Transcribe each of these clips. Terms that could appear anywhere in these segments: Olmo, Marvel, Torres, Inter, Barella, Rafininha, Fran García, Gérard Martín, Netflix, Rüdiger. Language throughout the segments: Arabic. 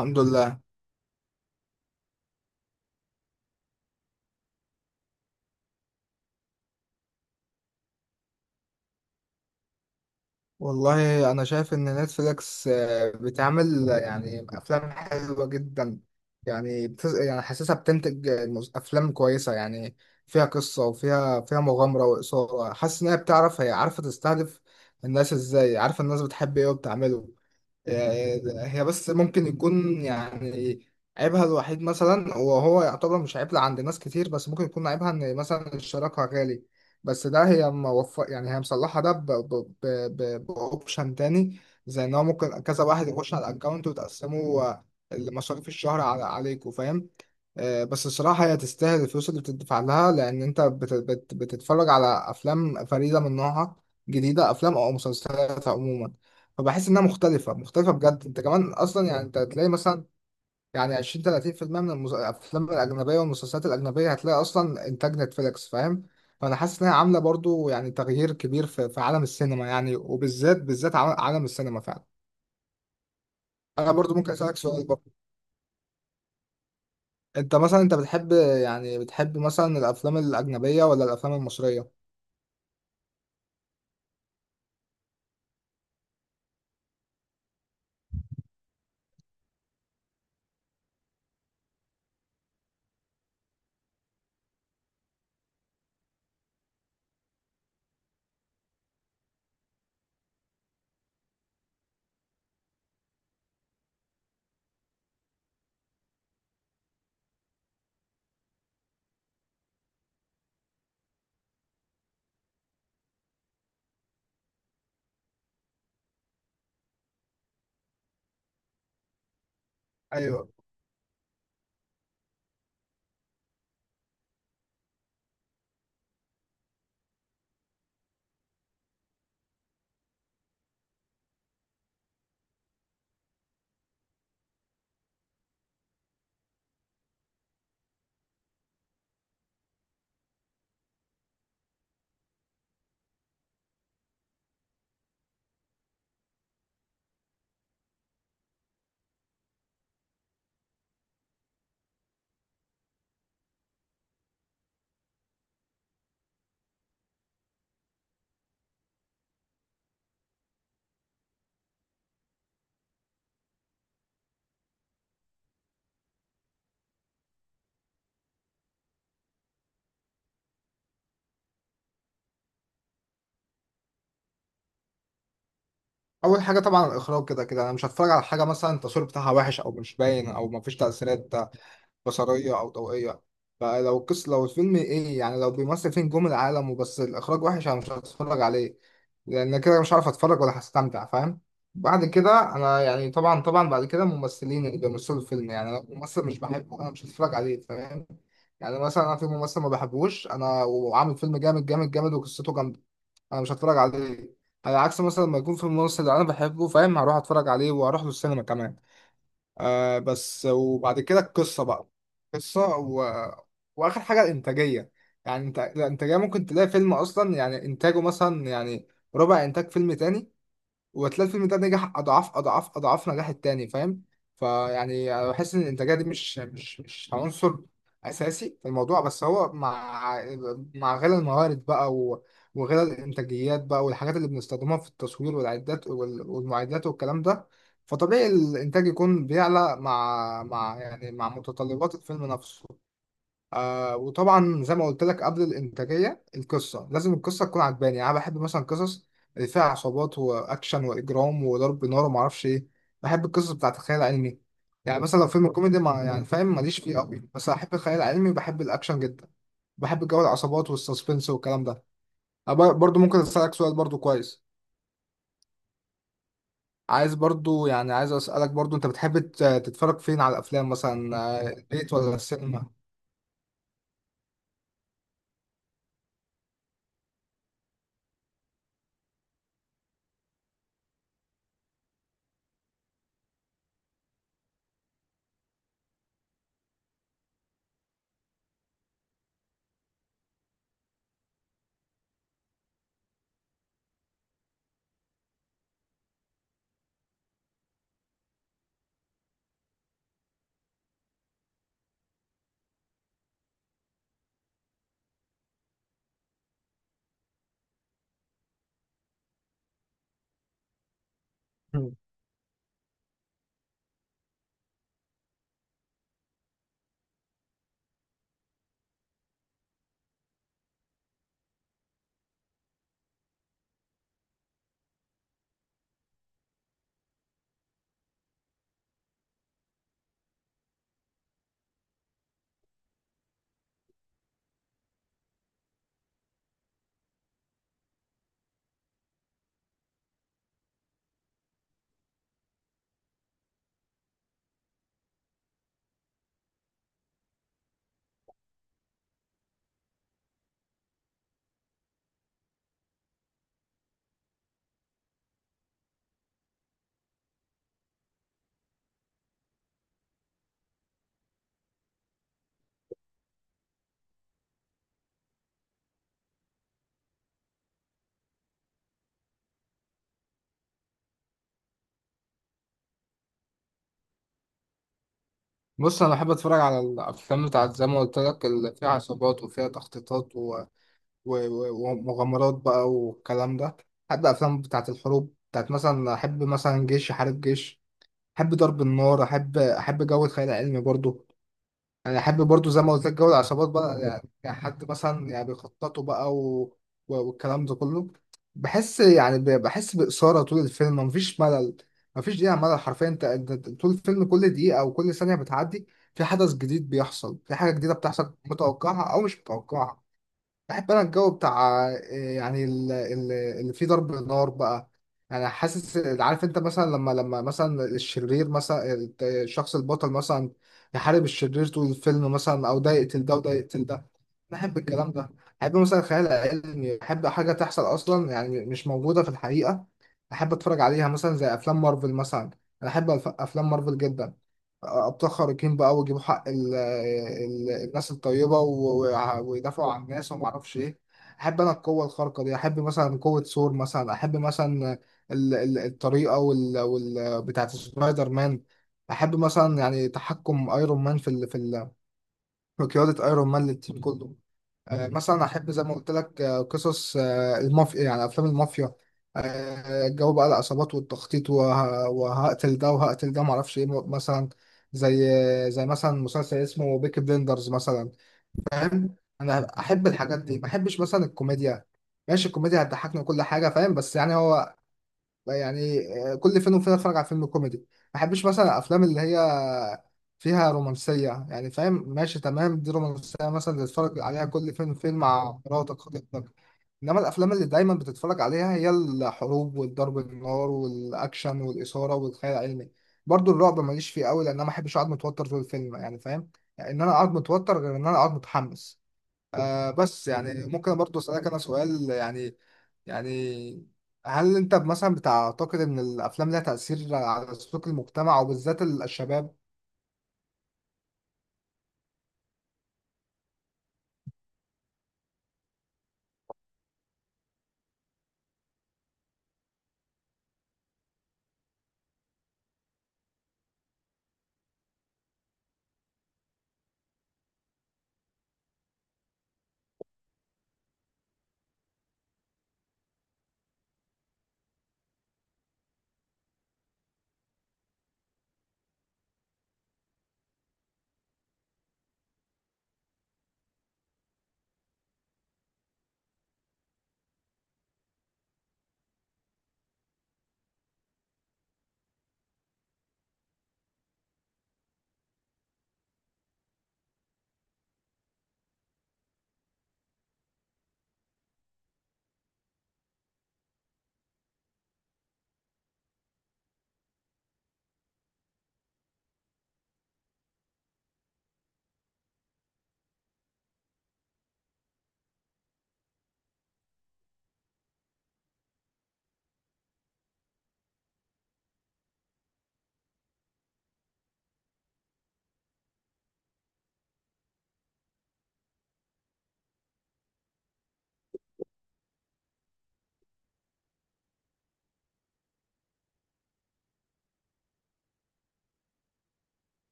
الحمد لله. والله انا شايف ان نتفليكس بتعمل يعني افلام حلوه جدا. يعني حاسسها بتنتج افلام كويسه يعني، فيها قصه وفيها مغامره واثاره. حاسس ان هي عارفه تستهدف الناس ازاي، عارفه الناس بتحب ايه وبتعمله. يعني هي بس ممكن يكون يعني عيبها الوحيد، مثلا وهو يعتبر مش عيب عند ناس كتير، بس ممكن يكون عيبها ان مثلا الشراكة غالي. بس ده هي موفق، يعني هي مصلحة ده بأوبشن تاني، زي ان هو ممكن كذا واحد يخش على الاكونت وتقسموا مصاريف الشهر عليكم، فاهم؟ بس الصراحة هي تستاهل الفلوس اللي بتدفع لها، لأن أنت بتتفرج على أفلام فريدة من نوعها، جديدة، أفلام أو مسلسلات عموما. فبحس انها مختلفه بجد. انت كمان اصلا يعني انت هتلاقي مثلا يعني 20 30% من الافلام الاجنبيه والمسلسلات الاجنبيه هتلاقي اصلا انتاج نتفليكس، فاهم؟ فانا حاسس انها عامله برضو يعني تغيير كبير في, في عالم السينما، يعني وبالذات عالم السينما فعلا. انا برضو ممكن اسالك سؤال برضو؟ انت مثلا انت بتحب يعني بتحب مثلا الافلام الاجنبيه ولا الافلام المصريه؟ ايوه، اول حاجه طبعا الاخراج. كده كده انا مش هتفرج على حاجه مثلا التصوير بتاعها وحش او مش باين او مفيش تاثيرات بصريه او ضوئيه. فلو القصه، لو الفيلم ايه يعني لو بيمثل فين نجوم العالم وبس الاخراج وحش، انا مش هتفرج عليه، لان كده مش عارف اتفرج ولا هستمتع، فاهم؟ بعد كده انا يعني طبعا بعد كده الممثلين اللي بيمثلوا الفيلم، يعني انا ممثل مش بحبه انا مش هتفرج عليه، فاهم؟ يعني مثلا انا في ممثل ما بحبوش انا، وعامل فيلم جامد وقصته جامده، انا مش هتفرج عليه. على عكس مثلا لما يكون في ممثل انا بحبه، فاهم، هروح اتفرج عليه واروح له السينما كمان. آه بس، وبعد كده القصة بقى، قصة و... وآخر حاجة الإنتاجية. يعني انت الإنتاجية ممكن تلاقي فيلم أصلا يعني إنتاجه مثلا يعني ربع إنتاج فيلم تاني، وهتلاقي الفيلم ده نجح اضعاف نجاح التاني، فاهم؟ فيعني انا بحس ان الانتاجيه دي مش عنصر اساسي في الموضوع، بس هو مع مع غلا الموارد بقى وغلا الانتاجيات بقى والحاجات اللي بنستخدمها في التصوير والمعدات والكلام ده، فطبيعي الانتاج يكون بيعلى مع مع متطلبات الفيلم نفسه. آه وطبعا زي ما قلت لك قبل الانتاجيه القصه، لازم القصه تكون عجباني. يعني انا بحب مثلا قصص اللي فيها عصابات واكشن واجرام وضرب نار وما اعرفش ايه. بحب القصص بتاعت الخيال العلمي. يعني مثلا لو فيلم كوميدي ما، يعني فاهم ماليش فيه قوي، بس احب الخيال العلمي وبحب الاكشن جدا. بحب جو العصابات والسسبنس والكلام ده. أنا برضو ممكن اسالك سؤال برضو؟ كويس. عايز برضو يعني عايز اسالك برضو، انت بتحب تتفرج فين على الافلام، مثلا البيت ولا السينما؟ بص، انا بحب اتفرج على الافلام بتاعت زي ما قلت لك اللي فيها عصابات وفيها تخطيطات ومغامرات بقى والكلام ده. بحب افلام بتاعت الحروب بتاعت مثلا، احب مثلا جيش يحارب جيش، احب ضرب النار، احب جو الخيال العلمي برضو. انا احب برضو زي ما قلت لك جو العصابات بقى، يعني يعني حد مثلا يعني بيخططوا بقى والكلام ده كله. بحس يعني بحس بإثارة طول الفيلم، مفيش ملل، مفيش دقيقة ملل حرفيا. أنت طول الفيلم كل دقيقة او كل ثانية بتعدي في حدث جديد بيحصل، في حاجة جديدة بتحصل، متوقعة او مش متوقعة. بحب انا الجو بتاع إيه، يعني اللي فيه ضرب نار بقى. يعني حاسس عارف، انت مثلا لما مثلا الشرير مثلا الشخص البطل مثلا يحارب الشرير طول الفيلم مثلا، او ده يقتل ده وده يقتل ده، بحب الكلام ده. بحب مثلا الخيال العلمي، بحب حاجة تحصل أصلا يعني مش موجودة في الحقيقة، أحب أتفرج عليها، مثلا زي أفلام مارفل مثلا. أنا أحب أفلام مارفل جدا. أبطال خارقين بقى ويجيبوا حق ال الناس الطيبة ويدافعوا عن الناس ومعرفش إيه. أحب أنا القوة الخارقة دي، أحب مثلا قوة ثور مثلا، أحب مثلا الطريقة وال بتاعت سبايدر مان. أحب مثلا يعني تحكم أيرون مان في قيادة أيرون مان للتيم كله. مثلا احب زي ما قلت لك قصص المافيا، يعني افلام المافيا. جو بقى العصابات والتخطيط وهقتل ده وهقتل ده معرفش ايه، مثلا زي زي مثلا مسلسل اسمه بيكي بليندرز مثلا، فاهم. انا احب الحاجات دي، ما احبش مثلا الكوميديا. ماشي الكوميديا هتضحكني وكل حاجه فاهم، بس يعني هو لا يعني، كل فين وفين اتفرج على فيلم كوميدي ما. بحبش مثلا الافلام اللي هي فيها رومانسيه، يعني فاهم ماشي تمام، دي رومانسيه مثلا تتفرج عليها كل فين وفين مع مراتك خطيبتك. انما الافلام اللي دايما بتتفرج عليها هي الحروب والضرب النار والاكشن والاثاره والخيال العلمي. برضو الرعب ماليش فيه قوي، لان انا ما بحبش اقعد متوتر طول الفيلم، يعني فاهم، يعني ان انا اقعد متوتر غير ان انا اقعد متحمس. آه بس يعني ممكن برضو اسالك انا سؤال يعني، يعني هل انت مثلا بتعتقد ان الافلام لها تاثير على سلوك المجتمع وبالذات الشباب؟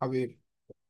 حبيبي.